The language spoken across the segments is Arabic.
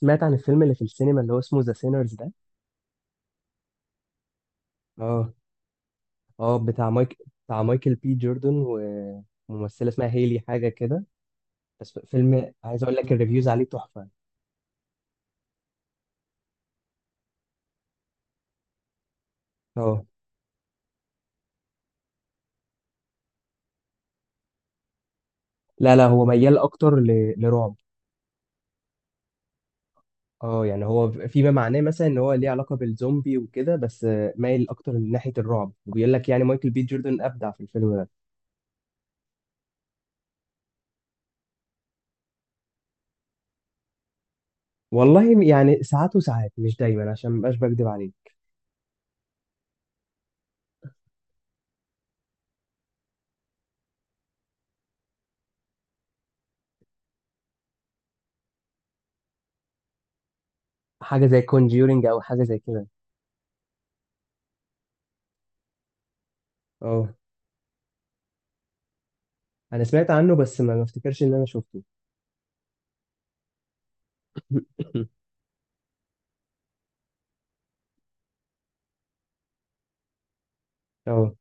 سمعت عن الفيلم اللي في السينما اللي هو اسمه ذا سينرز ده. اه، اه، بتاع مايكل بي جوردن وممثلة اسمها هيلي حاجة كده. بس فيلم، عايز اقول لك، الريفيوز عليه تحفة. اه، لا، لا، هو ميال اكتر لرعب. اه يعني هو فيما معناه مثلا ان هو ليه علاقة بالزومبي وكده، بس مايل اكتر لناحية الرعب، وبيقول لك يعني مايكل بي جوردن ابدع في الفيلم ده. والله يعني ساعات وساعات، مش دايما، عشان مبقاش بكدب عليك. حاجة زي كونجيورنج او حاجة زي كده. اه، انا سمعت عنه بس ما افتكرش ان انا شفته. اه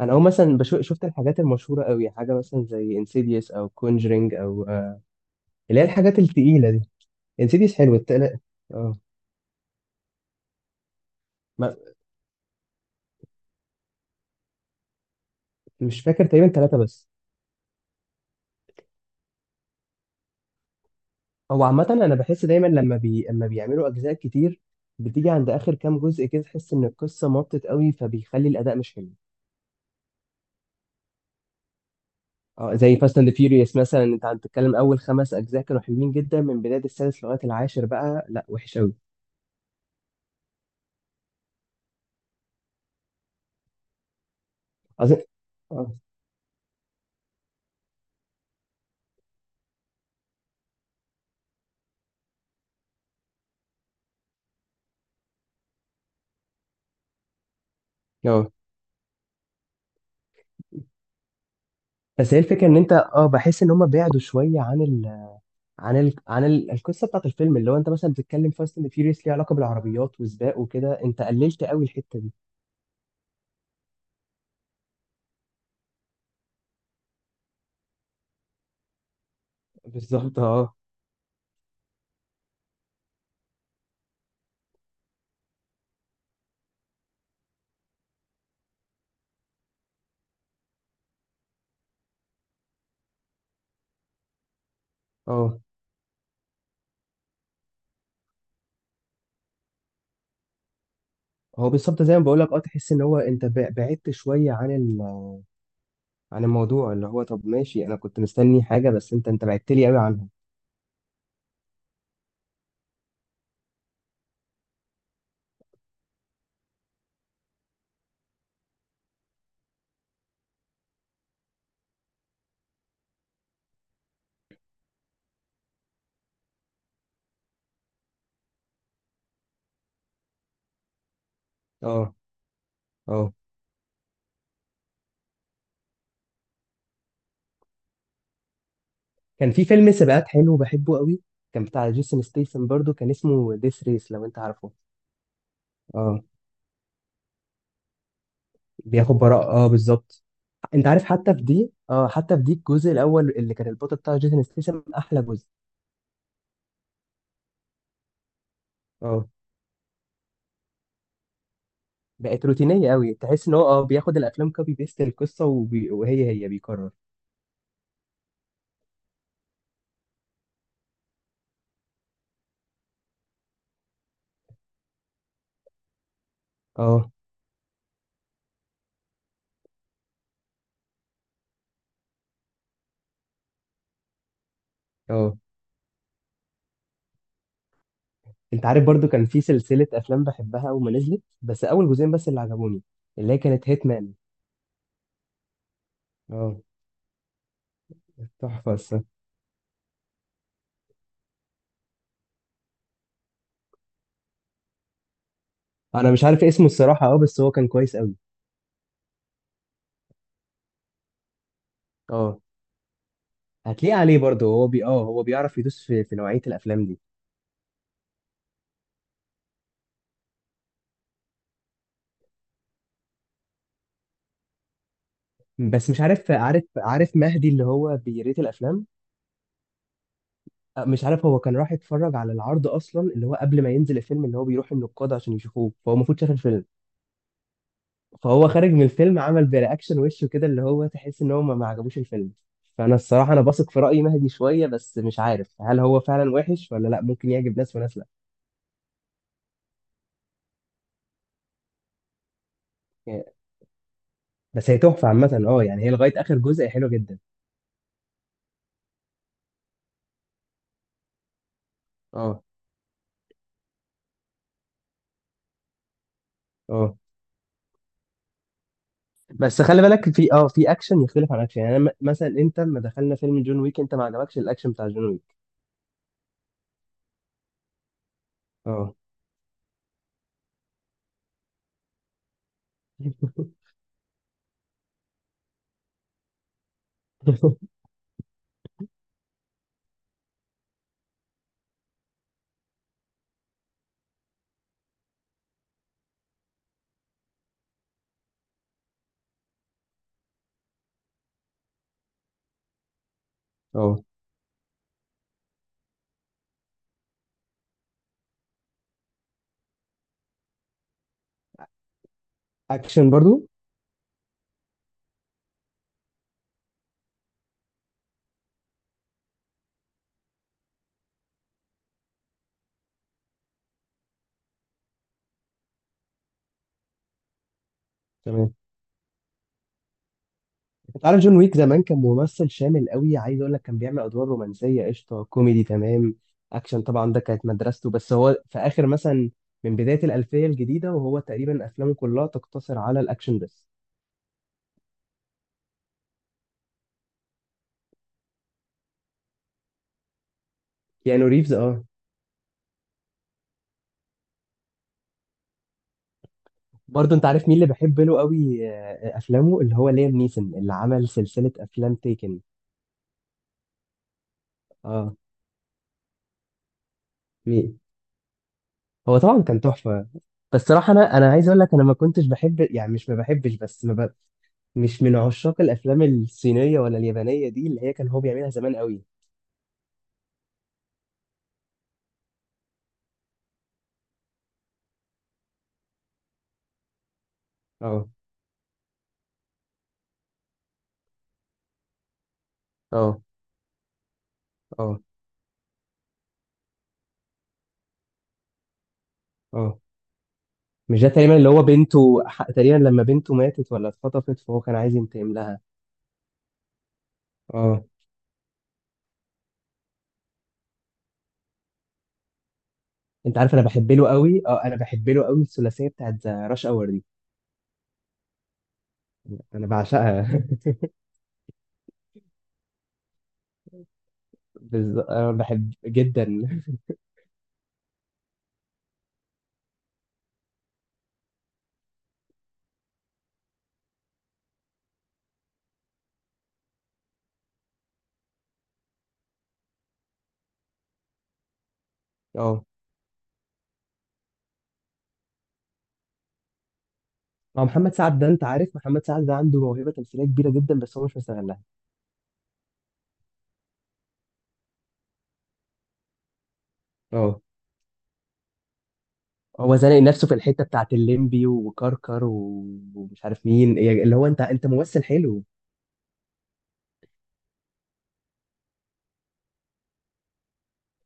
انا اول مثلا بشوف شفت الحاجات المشهوره قوي، حاجه مثلا زي انسيديوس او كونجرينج او آه، اللي هي الحاجات التقيله دي. انسيديوس حلو، التقيله. اه، ما- مش فاكر، تقريبا ثلاثه بس. هو عامه انا بحس دايما لما بيعملوا اجزاء كتير بتيجي عند اخر كام جزء كده تحس ان القصه مطت قوي فبيخلي الاداء مش حلو. اه، زي فاست اند فيوريوس مثلا، انت عم تتكلم اول 5 اجزاء كانوا حلوين جدا، من بدايه السادس لغايه العاشر بقى لا وحش قوي. اظن. اه. آه. بس هي الفكره ان انت بحس ان هم بعدوا شويه عن القصه بتاعت الفيلم. اللي هو انت مثلا بتتكلم فاست اند فيوريوس، ليه علاقه بالعربيات وسباق وكده، انت قللت قوي الحته دي. بالظبط. اه، اه، هو بالظبط زي ما بقول لك، تحس ان هو انت بعدت شويه عن عن الموضوع. اللي هو طب ماشي، انا كنت مستني حاجه بس انت بعدت لي قوي عنها. اه، اه، كان في فيلم سباقات حلو بحبه قوي. كان بتاع جيسون ستيسن برضو، كان اسمه ديس ريس، لو انت عارفه. اه، بياخد براءة، اه، بالظبط. انت عارف، حتى في دي الجزء الاول اللي كان البطل بتاعه جيسون ستيسن احلى جزء. اه، بقت روتينيه قوي، تحس ان هو بياخد الافلام كوبي بيست القصه، وهي هي بيكرر. اه، اه، انت عارف برضو كان في سلسله افلام بحبها اول ما نزلت، بس اول جزئين بس اللي عجبوني، اللي هي كانت هيت مان. اه، تحفة الصراحة. انا مش عارف اسمه الصراحه، اه، بس هو كان كويس قوي. اه، هتلاقيه عليه برضه، هو بي اه هو بيعرف يدوس في نوعيه الافلام دي. بس مش عارف. عارف مهدي اللي هو بيريت الافلام؟ مش عارف هو كان راح يتفرج على العرض اصلا اللي هو قبل ما ينزل الفيلم، اللي هو بيروح النقاد عشان يشوفوه، فهو المفروض شاف الفيلم. فهو خارج من الفيلم عمل برياكشن وشه كده، اللي هو تحس ان هو ما عجبوش الفيلم. فانا الصراحه انا بثق في راي مهدي شويه، بس مش عارف هل هو فعلا وحش ولا لا، ممكن يعجب ناس وناس لا. يعني- بس هي تحفه عامه، اه يعني هي لغايه اخر جزء هي حلوه جدا. اه، اه، بس خلي بالك في اكشن يختلف عن اكشن. يعني أنا مثلا، انت لما دخلنا فيلم جون ويك انت ما عجبكش الاكشن بتاع جون ويك. اه. اه، اكشن برضو. تمام. انت عارف جون ويك زمان كان ممثل شامل قوي، عايز اقول لك كان بيعمل ادوار رومانسيه قشطه، كوميدي تمام، اكشن طبعا، ده كانت مدرسته. بس هو في اخر مثلا، من بدايه الالفيه الجديده وهو تقريبا افلامه كلها تقتصر على الاكشن بس. كيانو ريفز. اه، برضه انت عارف مين اللي بحب له قوي افلامه، اللي هو ليام نيسون، اللي عمل سلسله افلام تيكن. اه. مين. هو طبعا كان تحفه. بس صراحه، انا عايز اقول لك انا ما كنتش بحب، يعني مش ما بحبش بس ما ب... مش من عشاق الافلام الصينيه ولا اليابانيه دي اللي هي كان هو بيعملها زمان قوي. اه، اه، اه، اه، مش ده تقريبا اللي هو بنته تقريبا لما بنته ماتت ولا اتخطفت، فهو كان عايز ينتقم لها؟ اه، انت عارف، انا بحب له قوي الثلاثيه بتاعت راش اور دي. انا بعشقها. انا بحب جدا. اه، اه، محمد سعد ده، انت عارف محمد سعد ده عنده موهبه تمثيليه كبيره جدا بس هو مش مستغلها. اه، هو زانق نفسه في الحته بتاعت الليمبي وكركر ومش عارف مين، يعني اللي هو انت ممثل حلو.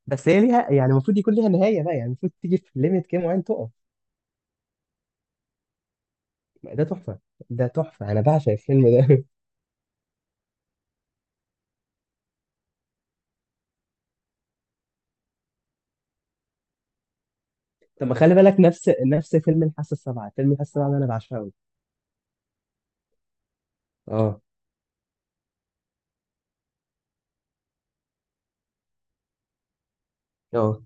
بس هي ليها، يعني المفروض يكون ليها نهايه بقى، يعني المفروض تيجي في ليميت كده معين تقف. ده تحفه. ده تحفه، انا بعشق الفيلم ده. طب ما خلي بالك، نفس فيلم الحاسه السابعه ده انا بعشقه قوي. اه، اه،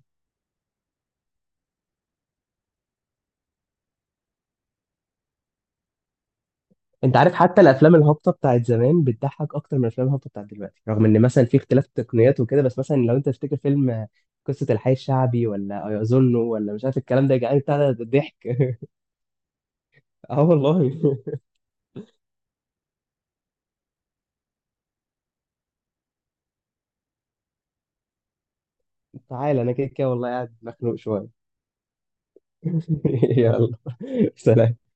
انت عارف حتى الافلام الهابطه بتاعت زمان بتضحك اكتر من الافلام الهابطه بتاعت دلوقتي، رغم ان مثلا في اختلاف تقنيات وكده، بس مثلا لو انت تفتكر فيلم قصه الحي الشعبي، ولا ايظنه، ولا مش عارف الكلام ده، يا جدعان، بتاع ده ضحك. اه والله. تعال، انا كده كده والله قاعد مخنوق شويه. يلا. سلام.